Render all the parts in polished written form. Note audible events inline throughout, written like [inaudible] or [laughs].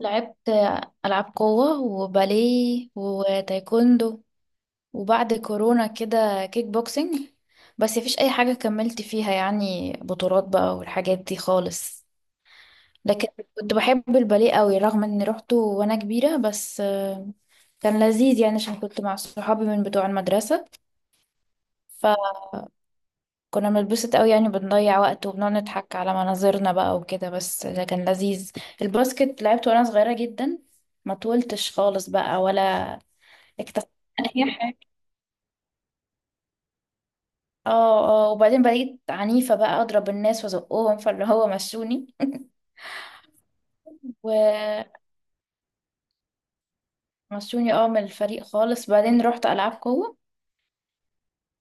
لعبت ألعاب قوة وباليه وتايكوندو، وبعد كورونا كده كيك بوكسينج. بس مفيش أي حاجة كملت فيها يعني بطولات بقى والحاجات دي خالص. لكن كنت بحب الباليه قوي رغم إني روحته وأنا كبيرة، بس كان لذيذ يعني عشان كنت مع صحابي من بتوع المدرسة. فكنا بنتبسط قوي يعني، بنضيع وقت وبنقعد نضحك على مناظرنا بقى وكده، بس ده كان لذيذ. الباسكت لعبته وأنا صغيرة جدا، ما طولتش خالص بقى ولا. اكتشفت ان هي [laughs] حاجه. اه اه. وبعدين بقيت عنيفه بقى، اضرب الناس وازقهم، فاللي هو مشوني. [laughs] ومشوني اه، من الفريق خالص. بعدين رحت العاب قوه،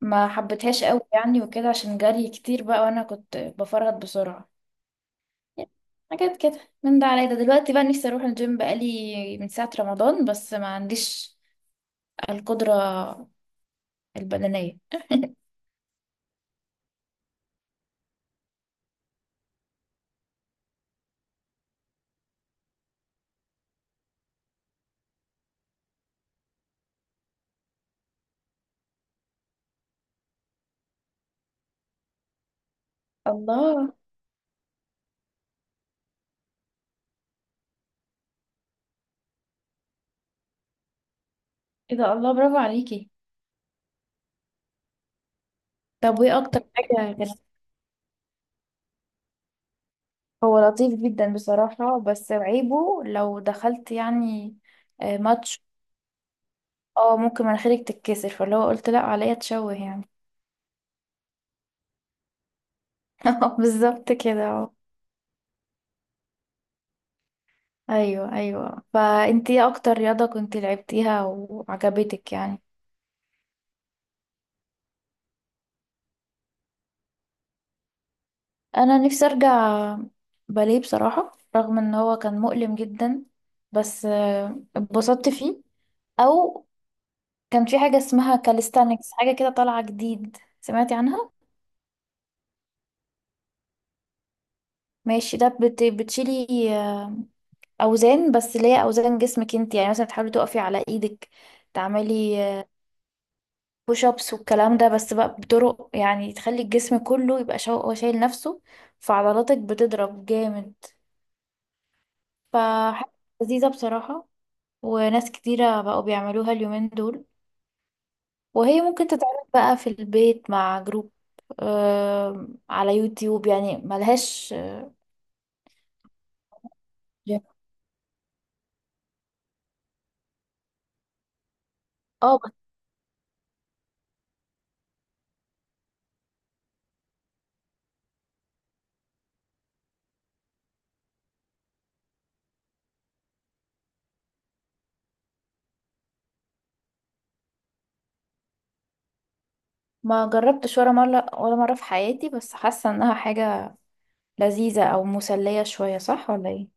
ما حبيتهاش قوي يعني وكده عشان جري كتير بقى، وانا كنت بفرهد بسرعه. حاجات كده من ده على ده. دلوقتي بقى نفسي اروح الجيم بقالي من ساعه رمضان، بس ما عنديش القدره البدنيه. الله. ايه ده، الله، برافو عليكي. طب وايه اكتر حاجه كانت؟ هو لطيف جدا بصراحة، بس عيبه لو دخلت يعني ماتش، اه، ممكن مناخيرك تتكسر، فاللي هو قلت لا عليا تشوه يعني. [laughs] بالظبط كده، اه. ايوه ايوه، فانتي ايه اكتر رياضة كنتي لعبتيها وعجبتك يعني؟ انا نفسي ارجع باليه بصراحة، رغم ان هو كان مؤلم جدا، بس اتبسطت فيه. او كان في حاجة اسمها كاليستانكس، حاجة كده طالعة جديد، سمعتي عنها؟ ماشي، ده بتشيلي آه، اوزان، بس اللي هي اوزان جسمك انت يعني، مثلا تحاولي تقفي على ايدك، تعملي بوش ابس والكلام ده. بس بقى بطرق يعني، تخلي الجسم كله يبقى هو شايل نفسه، فعضلاتك بتضرب جامد. فحاجة لذيذة بصراحة، وناس كتيرة بقوا بيعملوها اليومين دول. وهي ممكن تتعمل بقى في البيت مع جروب، على يوتيوب يعني، ملهاش جيم. اه بس ما جربتش ولا مرة ولا مرة في حياتي، بس حاسة انها حاجة لذيذة أو مسلية شوية، صح ولا ايه؟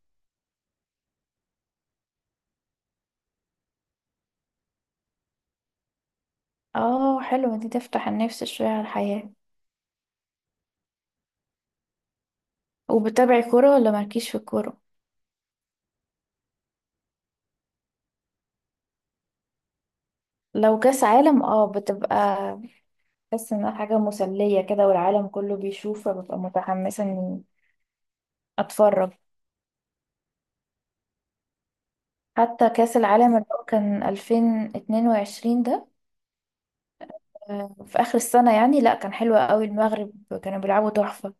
اه حلوة دي، تفتح النفس شوية على الحياة. وبتابعي كورة ولا مالكيش في الكورة؟ لو كأس عالم اه بتبقى، بحس انها حاجة مسلية كده والعالم كله بيشوف، فببقى متحمسة اني اتفرج. حتى كأس العالم اللي هو كان 2022 ده في آخر السنة يعني، لا كان حلو قوي. المغرب كانوا بيلعبوا تحفة.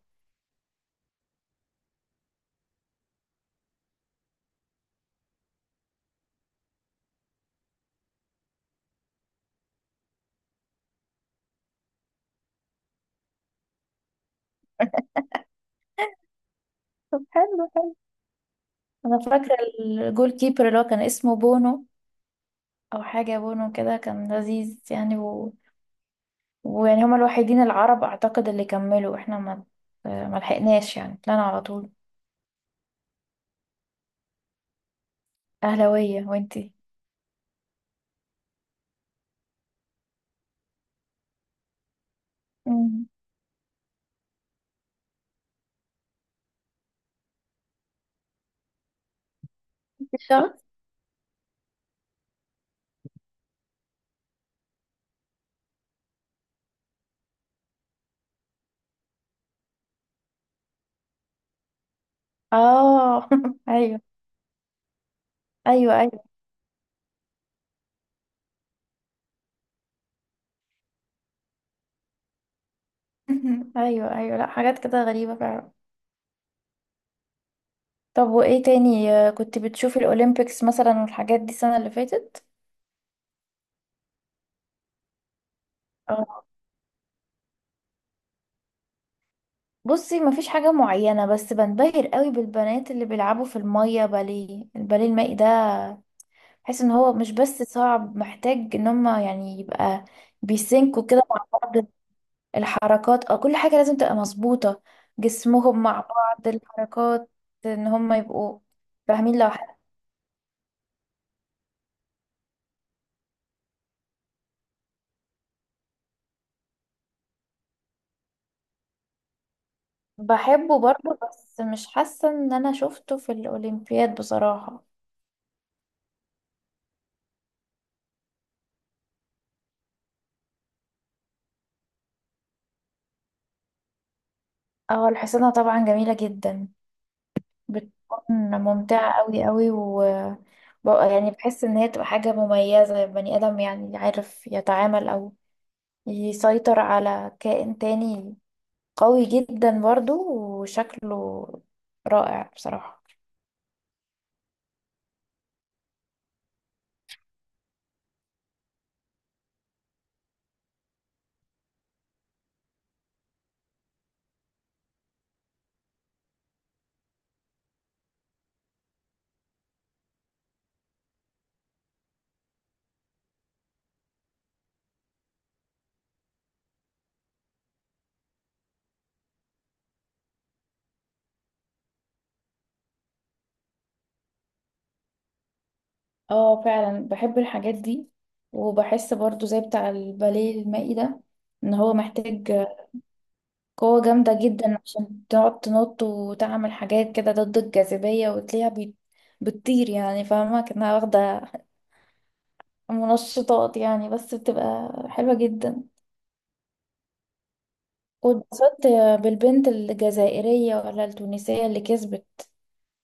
[laughs] طب حلو حلو. انا فاكره الجول كيبر اللي هو كان اسمه بونو، او حاجه بونو كده، كان لذيذ يعني. و... ويعني هما الوحيدين العرب اعتقد اللي كملوا، احنا ما لحقناش يعني، طلعنا على طول. اهلاويه وانتي؟ مم. الشغف، اه. [laughs] ايوه ايوه ايوه. [laughs] ايوه ايوه، لا حاجات كده غريبه فعلا. طب وايه تاني؟ كنت بتشوفي الاولمبيكس مثلا والحاجات دي السنه اللي فاتت؟ آه. بصي مفيش حاجه معينه، بس بنبهر قوي بالبنات اللي بيلعبوا في الميه باليه، الباليه المائي ده. بحس ان هو مش بس صعب، محتاج ان هم يعني يبقى بيسنكوا كده مع بعض الحركات، اه، كل حاجة لازم تبقى مظبوطة، جسمهم مع بعض الحركات، ان هم يبقوا فاهمين لو حد. بحبه برضه، بس مش حاسة ان انا شفته في الاولمبياد بصراحة. اه الحصانة طبعا جميلة جدا، بتكون ممتعة قوي قوي. و ببقى يعني بحس ان هي تبقى حاجة مميزة، بني ادم يعني عارف يتعامل او يسيطر على كائن تاني قوي جدا برضه، وشكله رائع بصراحة. اه فعلا بحب الحاجات دي. وبحس برضو زي بتاع الباليه المائي ده، ان هو محتاج قوة جامدة جدا عشان تقعد تنط وتعمل حاجات كده ضد الجاذبية، وتلاقيها بتطير يعني، فاهمة؟ كأنها واخدة منشطات يعني، بس بتبقى حلوة جدا. واتبسطت بالبنت الجزائرية ولا التونسية اللي كسبت،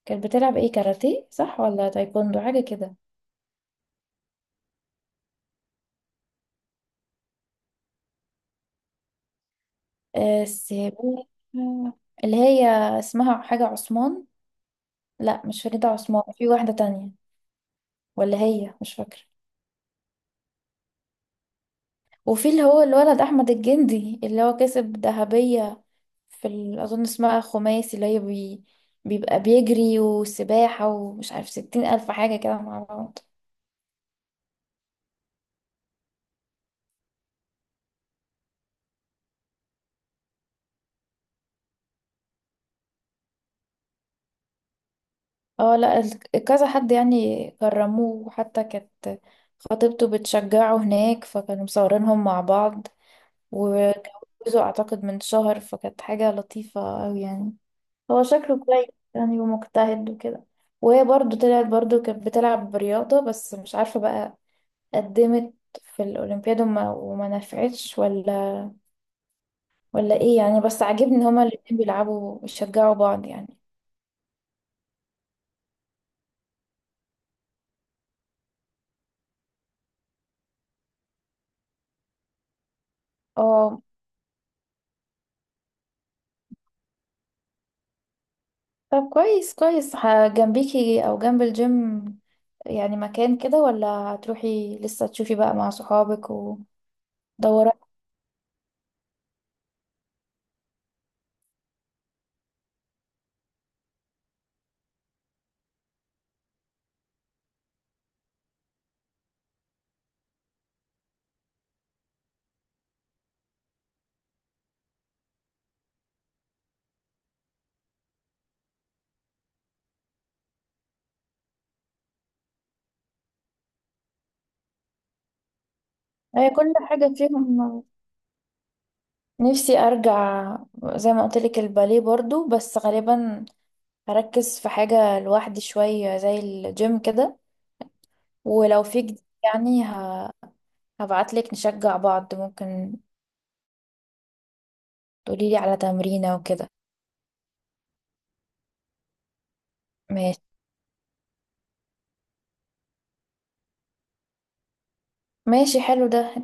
كانت بتلعب ايه، كاراتيه صح ولا تايكوندو حاجة كده؟ السيباحة اللي هي اسمها حاجة عثمان، لا مش فريدة عثمان، في واحدة تانية ولا هي، مش فاكرة. وفي اللي هو الولد أحمد الجندي اللي هو كسب ذهبية في أظن اسمها خماسي، اللي هي بيبقى بيجري وسباحة ومش عارف ستين ألف حاجة كده مع بعض. اه لا كذا حد يعني كرموه، وحتى كانت خطيبته بتشجعه هناك، فكانوا مصورينهم مع بعض، وجوزوا أعتقد من شهر، فكانت حاجة لطيفة أوي يعني. هو شكله كويس يعني ومجتهد وكده. وهي برضو طلعت برضو كانت بتلعب رياضة، بس مش عارفة بقى، قدمت في الأولمبياد وما نفعتش ولا ولا ايه يعني، بس عاجبني ان هما الاتنين بيلعبوا بيشجعوا بعض يعني. اه طب كويس كويس، جنبيكي او جنب الجيم يعني، مكان كده؟ ولا هتروحي لسه تشوفي بقى مع صحابك ودورات؟ هي كل حاجة فيهم نفسي ارجع، زي ما قلت لك الباليه برضو، بس غالبا هركز في حاجة لوحدي شوية زي الجيم كده. ولو في جديد يعني هبعتلك، نشجع بعض ممكن، تقوليلي على تمرينة وكده. ماشي ماشي، حلو ده.